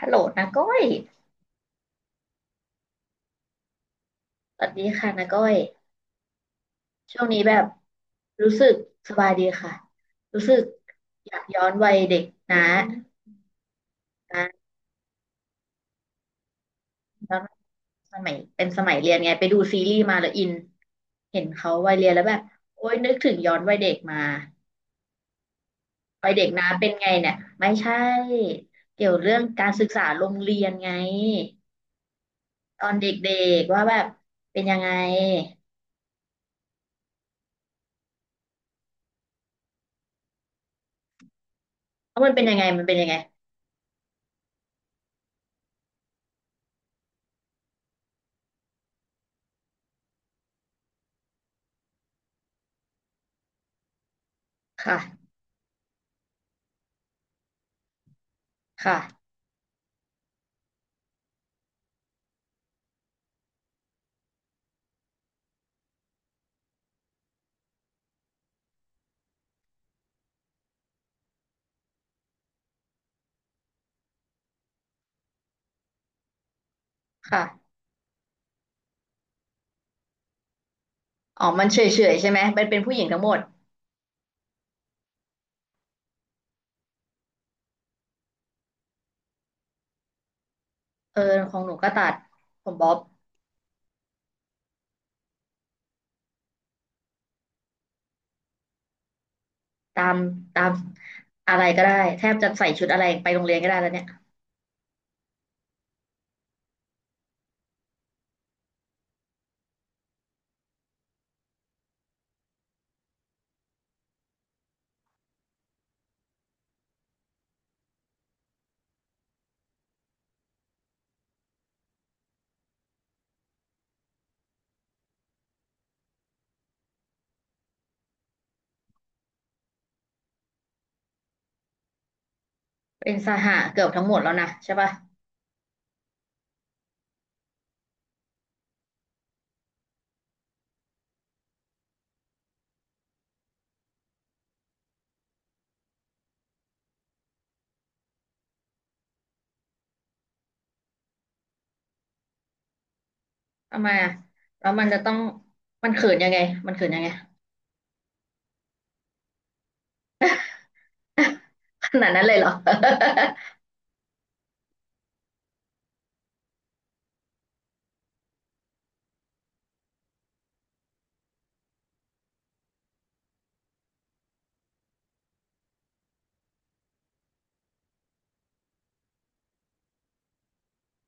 ฮัลโหลนาก้อยสวัสดีค่ะนาก้อย ช่วงนี้แบบรู้สึกสบายดีค่ะ รู้สึกอยากย้อนวัยเด็กนะนะย้อนสมัยเป็นสมัยเรียนไงไปดูซีรีส์มาแล้วอินเห็นเขาวัยเรียนแล้วแบบโอ๊ยนึกถึงย้อนวัยเด็กมาวัยเด็กนะเป็นไงเนี่ยไม่ใช่เกี่ยวเรื่องการศึกษาโรงเรียนไงตอนเด็กๆว่าแบบเป็นยังไงเพราะมันเป็นยังไงมันเป็นยังไงค่ะค่ะค่ะ อ๋อมันเฉยเฉยใช่ไหมมันเป็นผู้หญิงทั้งหมด เออ ของหนูก็ตัดผมบ๊อบตามตามอะไรก็ได้แทบจะใส่ชุดอะไรไปโรงเรียนก็ได้แล้วเนี่ยเป็นสหเกือบทั้งหมดแล้วนะใช่ปะทำไมอะแล้วมันจะต้องมันเขินยังไงมันเขินยังไง ขนาดนั้นเลยเหรอ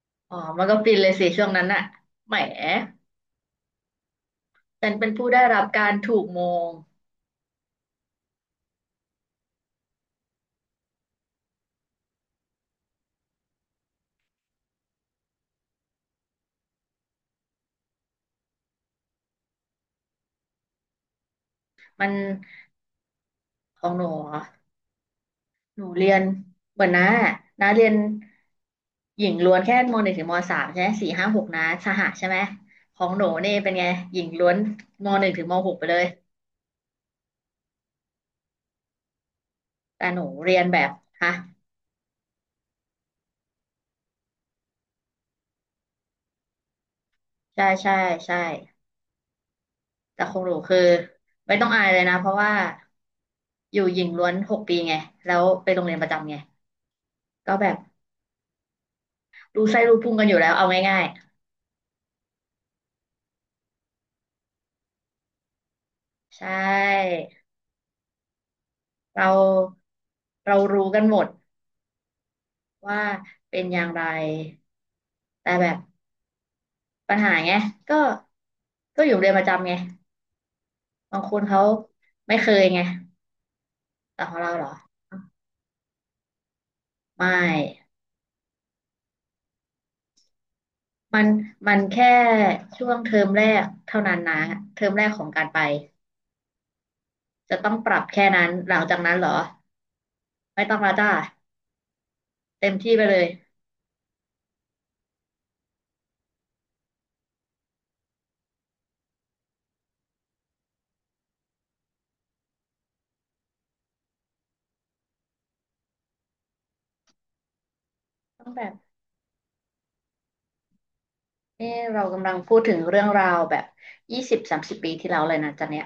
อ๋อมันก็ฟินเลยสิช่วงนั้นอะแหมฉันเป็นผู้ได้รับการถูกมองมันของหนูเหรอ หนูเรียนเหมือนน้าอะน้าเรียนหญิงล้วนแค่มหนึ่งถึงมสามใช่ไหมสี่ห้าหกน้าสหะใช่ไหมของหนูนี่เป็นไงหญิงล้วนมหนึ่งถึงมหกไปเลย แต่หนูเรียนแบบฮะใช่ใช่ใช่แต่ของหนูคือไม่ต้องอายเลยนะเพราะว่าอยู่หญิงล้วนหกปีไงแล้วไปโรงเรียนประจำไงก็แบบรู้ไส้รู้พุงกันอยู่แล้วเอาง่ายๆใช่เราเรารู้กันหมดว่าเป็นอย่างไรแต่แบบ ปัญหาไงก็ก็อยู่เรียนประจำไงบางคนเขาไม่เคยไงแต่ของเราเหรอไม่มันมันแค่ช่วงเทอมแรกเท่านั้นนะเทอมแรกของการไปจะต้องปรับแค่นั้นหลังจากนั้นเหรอไม่ต้องและจ้าเต็มที่ไปเลยต้องแบบเออเรากำลังพูดถึงเรื่องราวแบบยี่สิบสามสิบปีที่แล้วเลยนะจ๊ะเนี่ย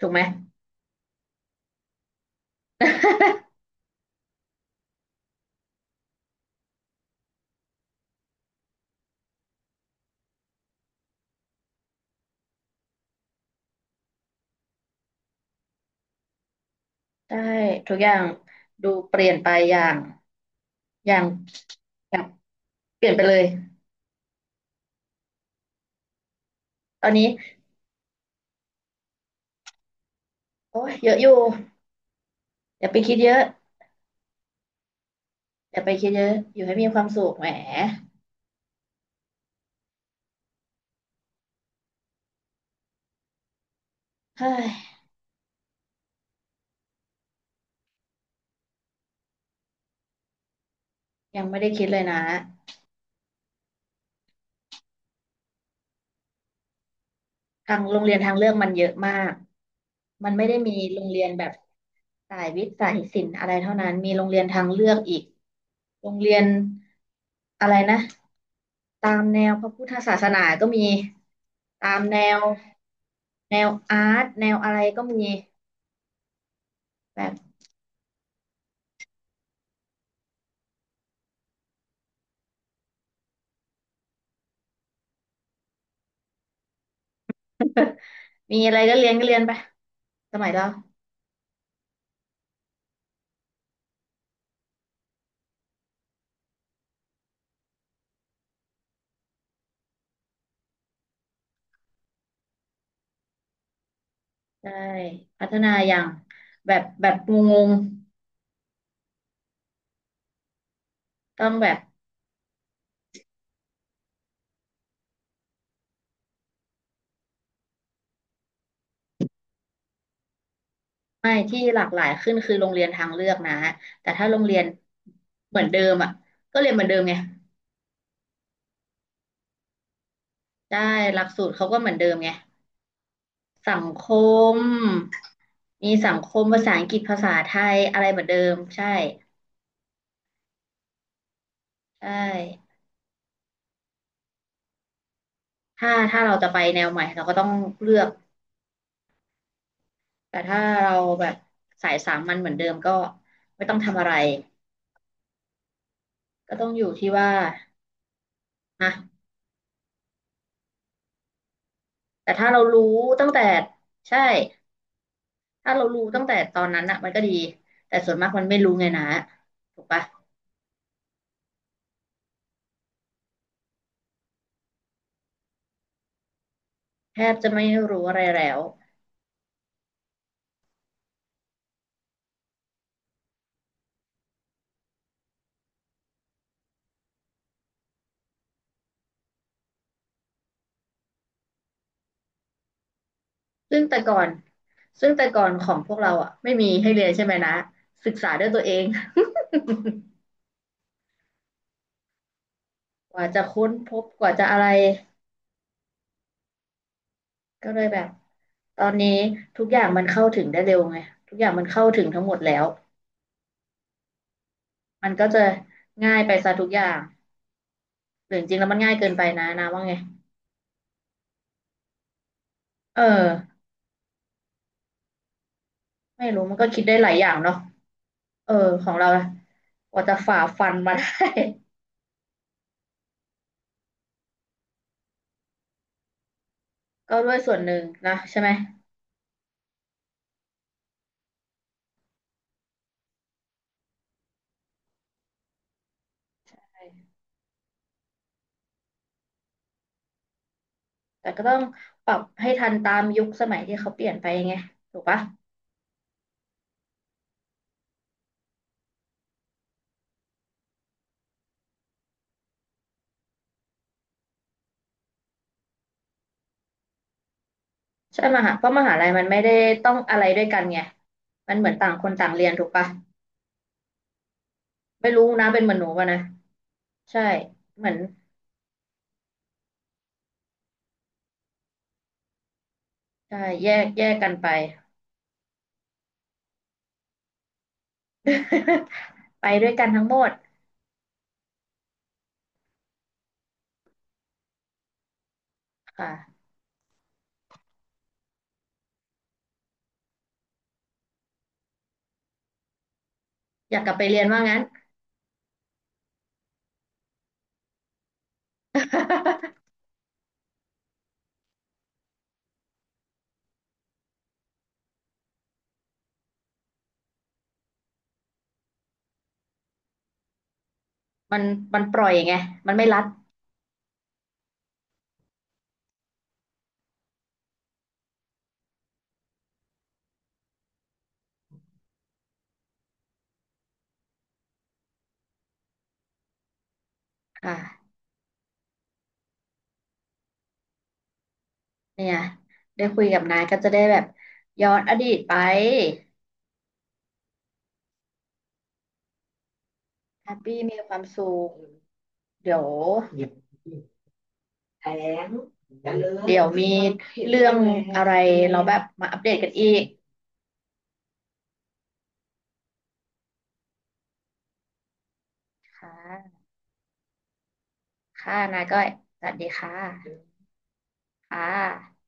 ถูกไหมใช่ทุกอย่างดูเปลี่ยนไปอย่างแบบเปลี่ยนไปเลยตอนนี้โอ้ยเยอะอยู่ อย่าไปคิดเยอะ อย่าไปคิดเยอะอยู่ให้มีความสุขแหมเฮ้ยยังไม่ได้คิดเลยนะทางโรงเรียนทางเลือกมันเยอะมากมันไม่ได้มีโรงเรียนแบบสายวิทย์สายศิลป์อะไรเท่านั้นมีโรงเรียนทางเลือกอีกโรงเรียนอะไรนะตามแนวพระพุทธศาสนาก็มีตามแนวแนวอาร์ตแนวอะไรก็มีแบบมีอะไรก็เรียนไปสมัยเราใช่พัฒนาอย่างแบบงงง ต้องแบบไม่ที่หลากหลายขึ้นคือโรงเรียนทางเลือกนะแต่ถ้าโรงเรียนเหมือนเดิมอ่ะก็เรียนเหมือนเดิมไงได้หลักสูตรเขาก็เหมือนเดิมไงสังคมมีสังคมภาษาอังกฤษภาษาไทยอะไรเหมือนเดิมใช่ใช่ถ้าเราจะไปแนวใหม่เราก็ต้องเลือกแต่ถ้าเราแบบสายสามัญเหมือนเดิมก็ไม่ต้องทำอะไรก็ต้องอยู่ที่ว่าฮะแต่ถ้าเรารู้ตั้งแต่ใช่ ถ้าเรารู้ตั้งแต่ตอนนั้นอะมันก็ดีแต่ส่วนมากมันไม่รู้ไงนะถูกปะแทบจะไม่รู้อะไรแล้วซึ่งแต่ก่อนซึ่งแต่ก่อนของพวกเราอะไม่มีให้เรียนใช่ไหมนะศึกษาด้วยตัวเอง กว่าจะค้นพบกว่าจะอะไรก็เลยแบบตอนนี้ทุกอย่างมันเข้าถึงได้เร็วไงทุกอย่างมันเข้าถึงทั้งหมดแล้วมันก็จะง่ายไปซะทุกอย่างหรือจริงๆแล้วมันง่ายเกินไปนะนะว่าไงเออไม่รู้มันก็คิดได้หลายอย่างเนาะ เออของเราล่ะกว่าจะฝ่าฟันมาได้ ก็ด้วยส่วนหนึ่งนะใช่ไหมใช่แต่ก็ต้องปรับให้ทันตามยุคสมัยที่เขาเปลี่ยนไปไงถูกปะใช่มหาเพราะมหาลัยมันไม่ได้ต้องอะไรด้วยกันไงมันเหมือนต่างคนต่างเรียนถูกปะไม่รู้นะเป็นเหมือนหนูป่ะนะใช่เหมือนใช่แยกแยกกันไป ไปด้วยกันทั้งหมดค่ะอยากกลับไปเรียนว่างั้น มันปล่อยไงมันไม่รัดค่ะ เนี่ยได้คุยกับนายก็จะได้แบบย้อนอดีตไปแฮปปี้มีความสุขเดี๋ยวแถลงเลมเดี๋ยวมีเรื่องอะไรเราแบบมาอัปเดตกันอีกค่ะค่ะนายก้อยสวัสดีค่ะค่ะ